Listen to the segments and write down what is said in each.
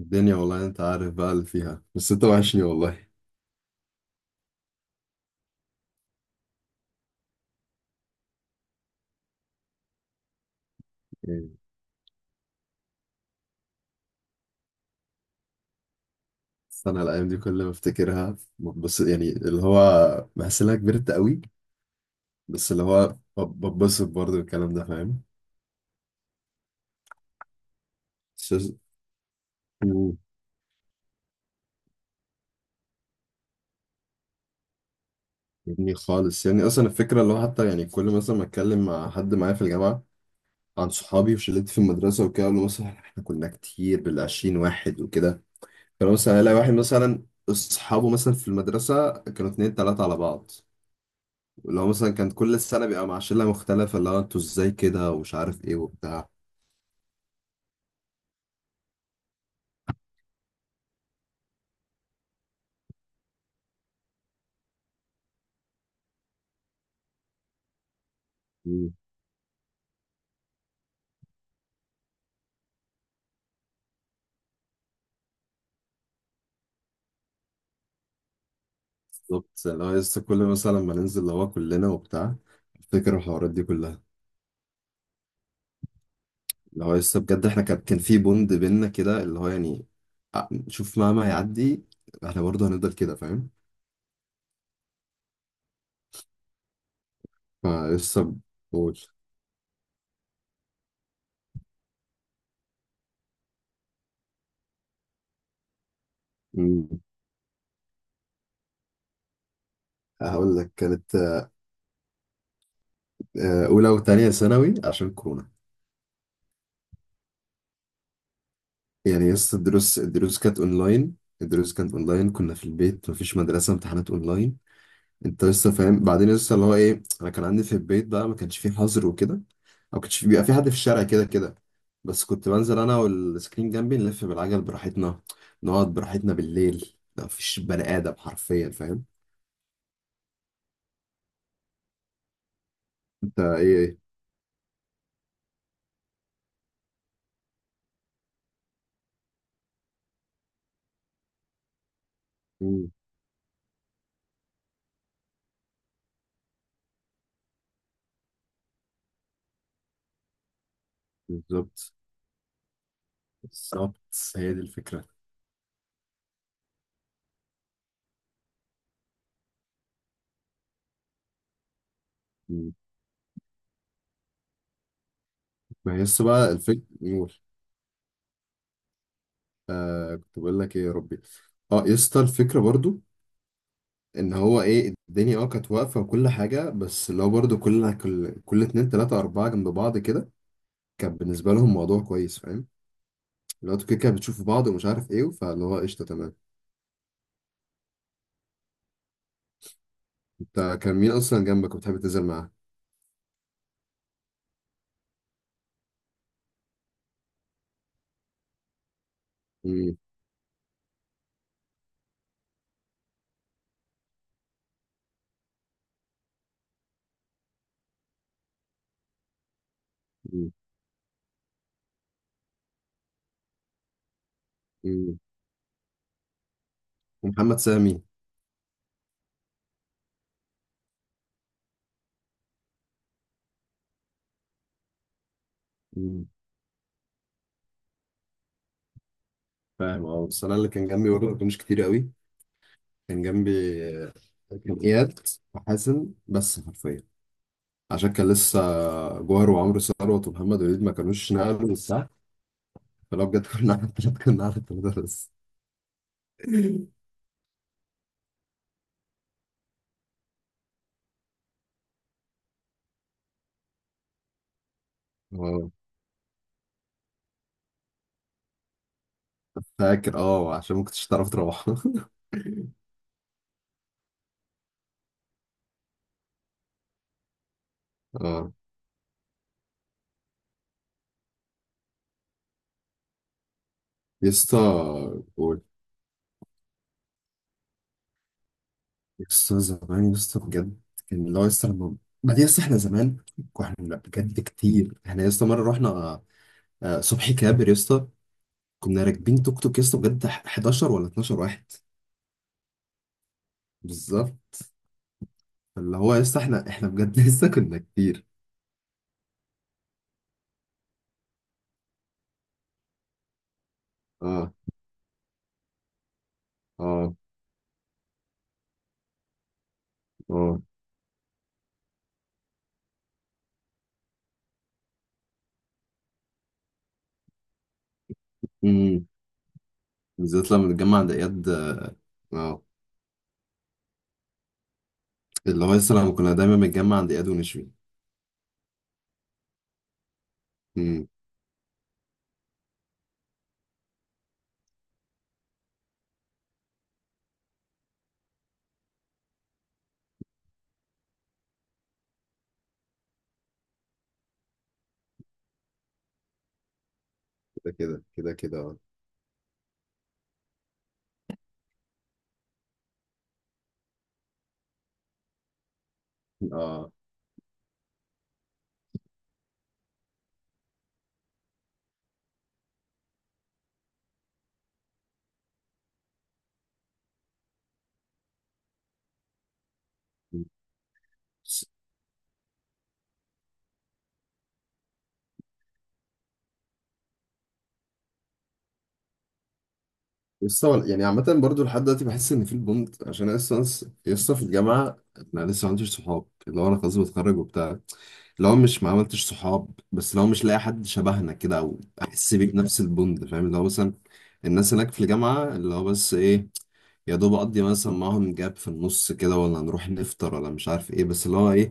الدنيا والله انت عارف بقى اللي فيها، بس انت وحشني والله. يعني. بس انا الايام دي كل ما افتكرها، بس يعني اللي هو بحس ان انا كبرت قوي. بس اللي هو بتبسط برضه بالكلام ده، فاهم؟ بس. مم. يعني خالص، يعني اصلا الفكره اللي هو حتى يعني كل مثلا ما اتكلم مع حد معايا في الجامعه عن صحابي وشلتي في المدرسه وكده، اقول له مثلا احنا كنا كتير بالعشرين واحد وكده. فانا مثلا الاقي واحد مثلا اصحابه مثلا في المدرسه كانوا اتنين تلاته على بعض. لو مثلا كان كل السنة بيبقى مع شلة مختلفة، اللي هو انتوا ازاي كده ومش عارف ايه وبتاع. مم. بالظبط، اللي هو لسه كل مثلا لما ننزل اللي هو كلنا وبتاع افتكر الحوارات دي كلها. اللي هو لسه بجد احنا كان في بوند بينا كده، اللي هو يعني شوف مهما هيعدي احنا برضه هنفضل كده، فاهم؟ فلسه بقول. مم. هقول لك كانت أولى وتانية ثانوي عشان كورونا. يعني لسه الدروس كانت أونلاين. الدروس كانت أونلاين، كنا في البيت، مفيش مدرسة، امتحانات أونلاين. انت لسه فاهم؟ بعدين لسه اللي هو ايه، انا كان عندي في البيت بقى ما كانش فيه حظر وكده. او كانش فيه بيبقى في حد في الشارع كده كده. بس كنت بنزل انا والسكرين جنبي نلف بالعجل براحتنا. نقعد براحتنا بالليل، ما فيش بني ادم حرفيا، فاهم؟ انت ايه إيه. مم، بالظبط. بالظبط، هي دي الفكره. مم. ما هي لسه بقى الفكره نور. آه كنت بقول لك ايه يا ربي. اه يسطا الفكره برضو، ان هو ايه الدنيا اه كانت واقفه وكل حاجه، بس اللي هو برضه كل اتنين تلاته اربعه جنب بعض كده، كان بالنسبه لهم موضوع كويس، فاهم؟ اللي هو انتوا كده كده بتشوفوا بعض ومش عارف ايه، فاللي هو قشطه تمام. انت كان مين اصلا جنبك وبتحب تنزل معاه؟ مم، مم، مم. ومحمد سامي. مم، فاهم. اه بس انا اللي كان جنبي برضه ما كانوش كتير قوي. كان جنبي آه، كان اياد وحازم بس، حرفيا. عشان كان لسه جوهر وعمرو ثروت ومحمد وليد ما كانوش نقلوا. فلو بجد كنا على التلاتة، كنا على التلاتة بس. اه فاكر، اه عشان ما كنتش تعرف تروح. اه. يا اسطى قول. يا اسطى زمان يا اسطى بجد. كان اللي هو يا اسطى لما بعدين يا اسطى احنا زمان كنا بجد كتير. احنا يا اسطى مره رحنا صبحي كابر يا اسطى. كنا راكبين توك توك يا اسطى بجد، 11 ولا 12 واحد. بالظبط، اللي هو يا اسطى احنا بجد لسه كنا كتير. اه، اه، اه. امم. بالذات لما نتجمع عند اياد. اه، اللي هو لسه لما كنا دايما بنتجمع عند اياد ونشوي. امم. كده كده كده كده، اه. اه. بس- لسه يعني عامة برضو لحد دلوقتي بحس إن في البوند، عشان أنا لسه في الجامعة. أنا لسه ما عنديش صحاب، اللي هو أنا خلاص بتخرج وبتاع. اللي هو مش ما عملتش صحاب، بس اللي هو مش لاقي حد شبهنا كده أو أحس بيك نفس البوند، فاهم؟ اللي هو مثلا الناس هناك في الجامعة اللي هو بس إيه، يا دوب اقضي مثلا معاهم جاب في النص كده ولا نروح نفطر ولا مش عارف ايه، بس اللي هو ايه،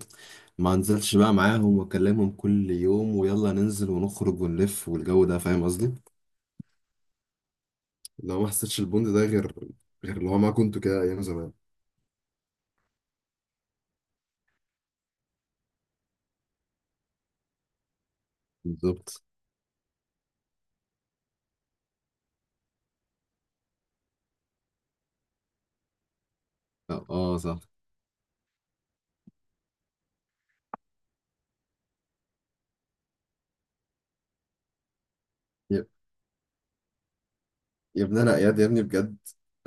ما انزلش بقى معاهم واكلمهم كل يوم ويلا ننزل ونخرج ونلف والجو ده، فاهم قصدي؟ اللي هو ما حسيتش البوند ده غير، غير اللي هو ما كنتوا كده ايام زمان. بالظبط. اه آه، صح. يا يا ابني انا اياد يا ابني بجد،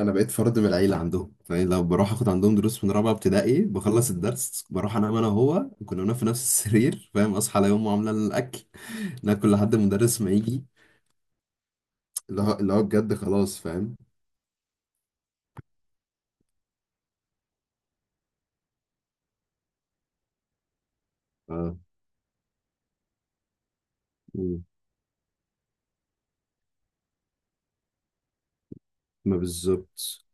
انا بقيت فرد من العيله عندهم، فاهم؟ لو بروح اخد عندهم دروس من رابعه ابتدائي، بخلص الدرس بروح انام، انا وهو كنا بننام في نفس السرير، فاهم؟ اصحى على يوم وعامله الاكل. ناكل لحد المدرس ما يجي. اللي هو بجد خلاص، فاهم؟ اه. مم. ما بالظبط.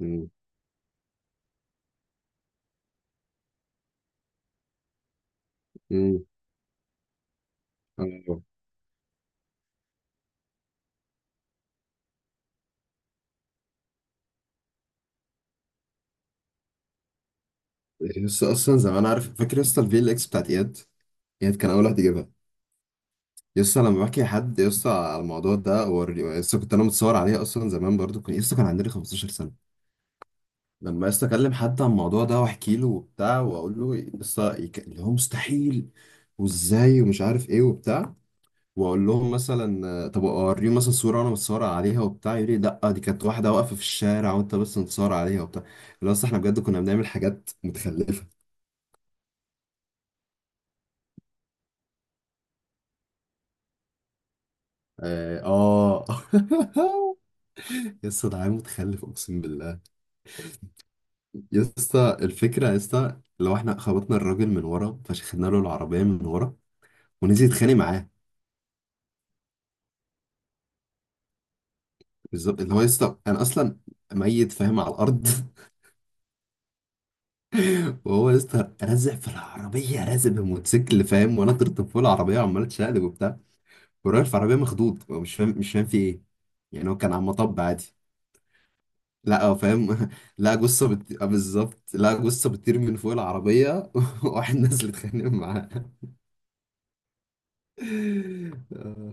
مم. مم. اه. يعني يس اصلا زي ما انا عارف فاكر يس الفي ال اكس بتاعت اياد. اياد كان اول واحد يجيبها. يس لما بحكي لحد يس على الموضوع ده هو، يس كنت انا متصور عليها اصلا زمان، برضو كان يس كان عندنا 15 سنه. لما يس اكلم حد عن الموضوع ده واحكي له وبتاع واقول له يس اللي هو مستحيل، وازاي، ومش عارف ايه وبتاع. واقول لهم مثلا طب اوريهم مثلا صوره وانا متصور عليها وبتاع، يقول لي لا دي كانت واحده واقفه في الشارع وانت بس متصور عليها وبتاع. اللي هو أصل احنا بجد كنا بنعمل حاجات متخلفه. اه آه. يا اسطى ده عيل متخلف اقسم بالله. يا اسطى الفكره يا اسطى، لو احنا خبطنا الراجل من ورا، فشخنا له العربيه من ورا ونزل يتخانق معاه. بالظبط، اللي هو يا اسطى انا اصلا ميت فاهم على الارض. وهو يا اسطى رازق في العربيه، رازق بالموتوسيكل، فاهم؟ وانا طرت فوق العربيه وعمال اتشقلب وبتاع. كان راكب في عربية مخضوض، هو مش فاهم مش فاهم في ايه. يعني هو كان على المطب عادي. لا هو فاهم. لا جثة بت... آه بالظبط، لا جثة بتطير من فوق العربية، واحد نازل يتخانق معاها. اه.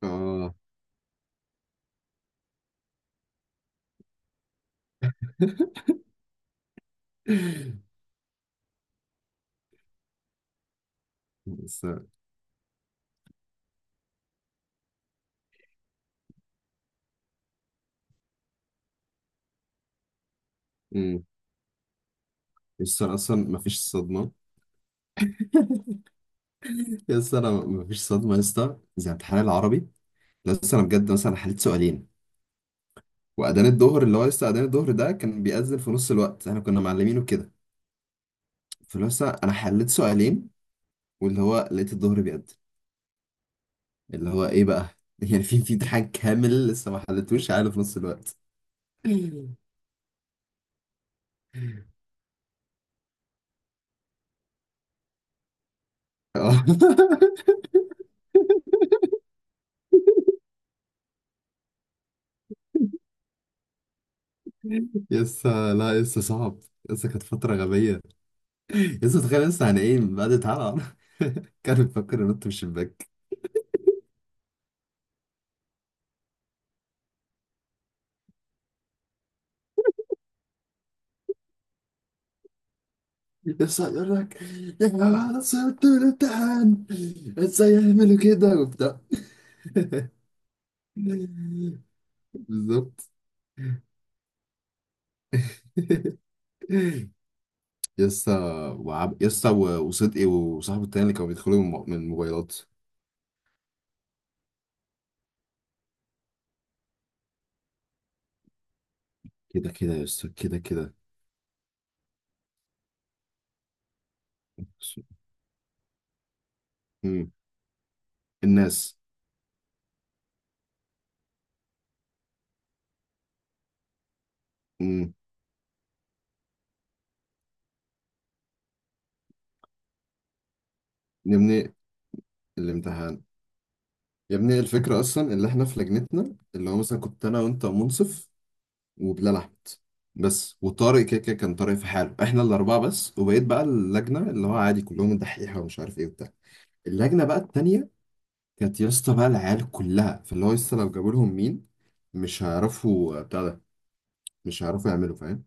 آه. بس أمم. بس أنا اصلا ما فيش صدمة. يس انا ما فيش صدمة يا اسطى زي امتحان العربي. بس انا بجد مثلا حليت سؤالين، واذان الظهر اللي هو لسه اذان الظهر ده كان بيأذن في نص الوقت احنا كنا معلمينه كده. فلسه انا حليت سؤالين، واللي هو لقيت الظهر بيأذن، اللي هو ايه بقى. يعني في امتحان كامل لسه ما حلتوش عقله في نص الوقت. آه. يسا لا يسا صعب. يسا كانت فترة غبية. يسا تخيل يسا، يعني ايه بعد تعالى. كان بيفكر ينط من الشباك. يسا يقول لك يا جماعة أنا صعبت من الامتحان، ازاي يعملوا كده وبتاع. بالظبط. يسا يسا وصدقي وصاحبه التاني اللي كانوا بيدخلوا من الموبايلات. كده كده يا أستاذ، كده كده. مم. الناس. مم. يا ابني الامتحان. يا ابني الفكرة أصلا اللي احنا في لجنتنا اللي هو مثلا كنت أنا وأنت ومنصف وبلال أحمد بس وطارق، كده كده كان طارق في حاله، احنا الأربعة بس، وبقيت بقى اللجنة اللي هو عادي كلهم دحيحة ومش عارف إيه وبتاع. اللجنة بقى التانية، كانت يا اسطى بقى العيال كلها فاللي هو لسه لو جابوا لهم مين مش هيعرفوا بتاع ده، مش هيعرفوا يعملوا، فاهم؟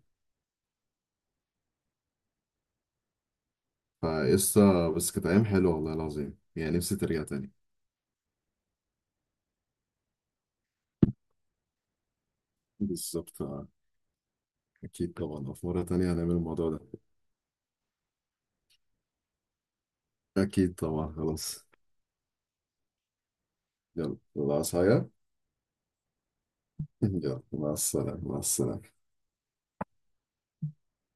فقصة بس كانت أيام حلوة والله العظيم، يعني نفسي ترجع تاني. بالظبط. أكيد طبعا في مرة تانية هنعمل الموضوع ده. أكيد طبعا، خلاص. يلا الله، عايز حاجة؟ يلا مع السلامة، مع السلامة.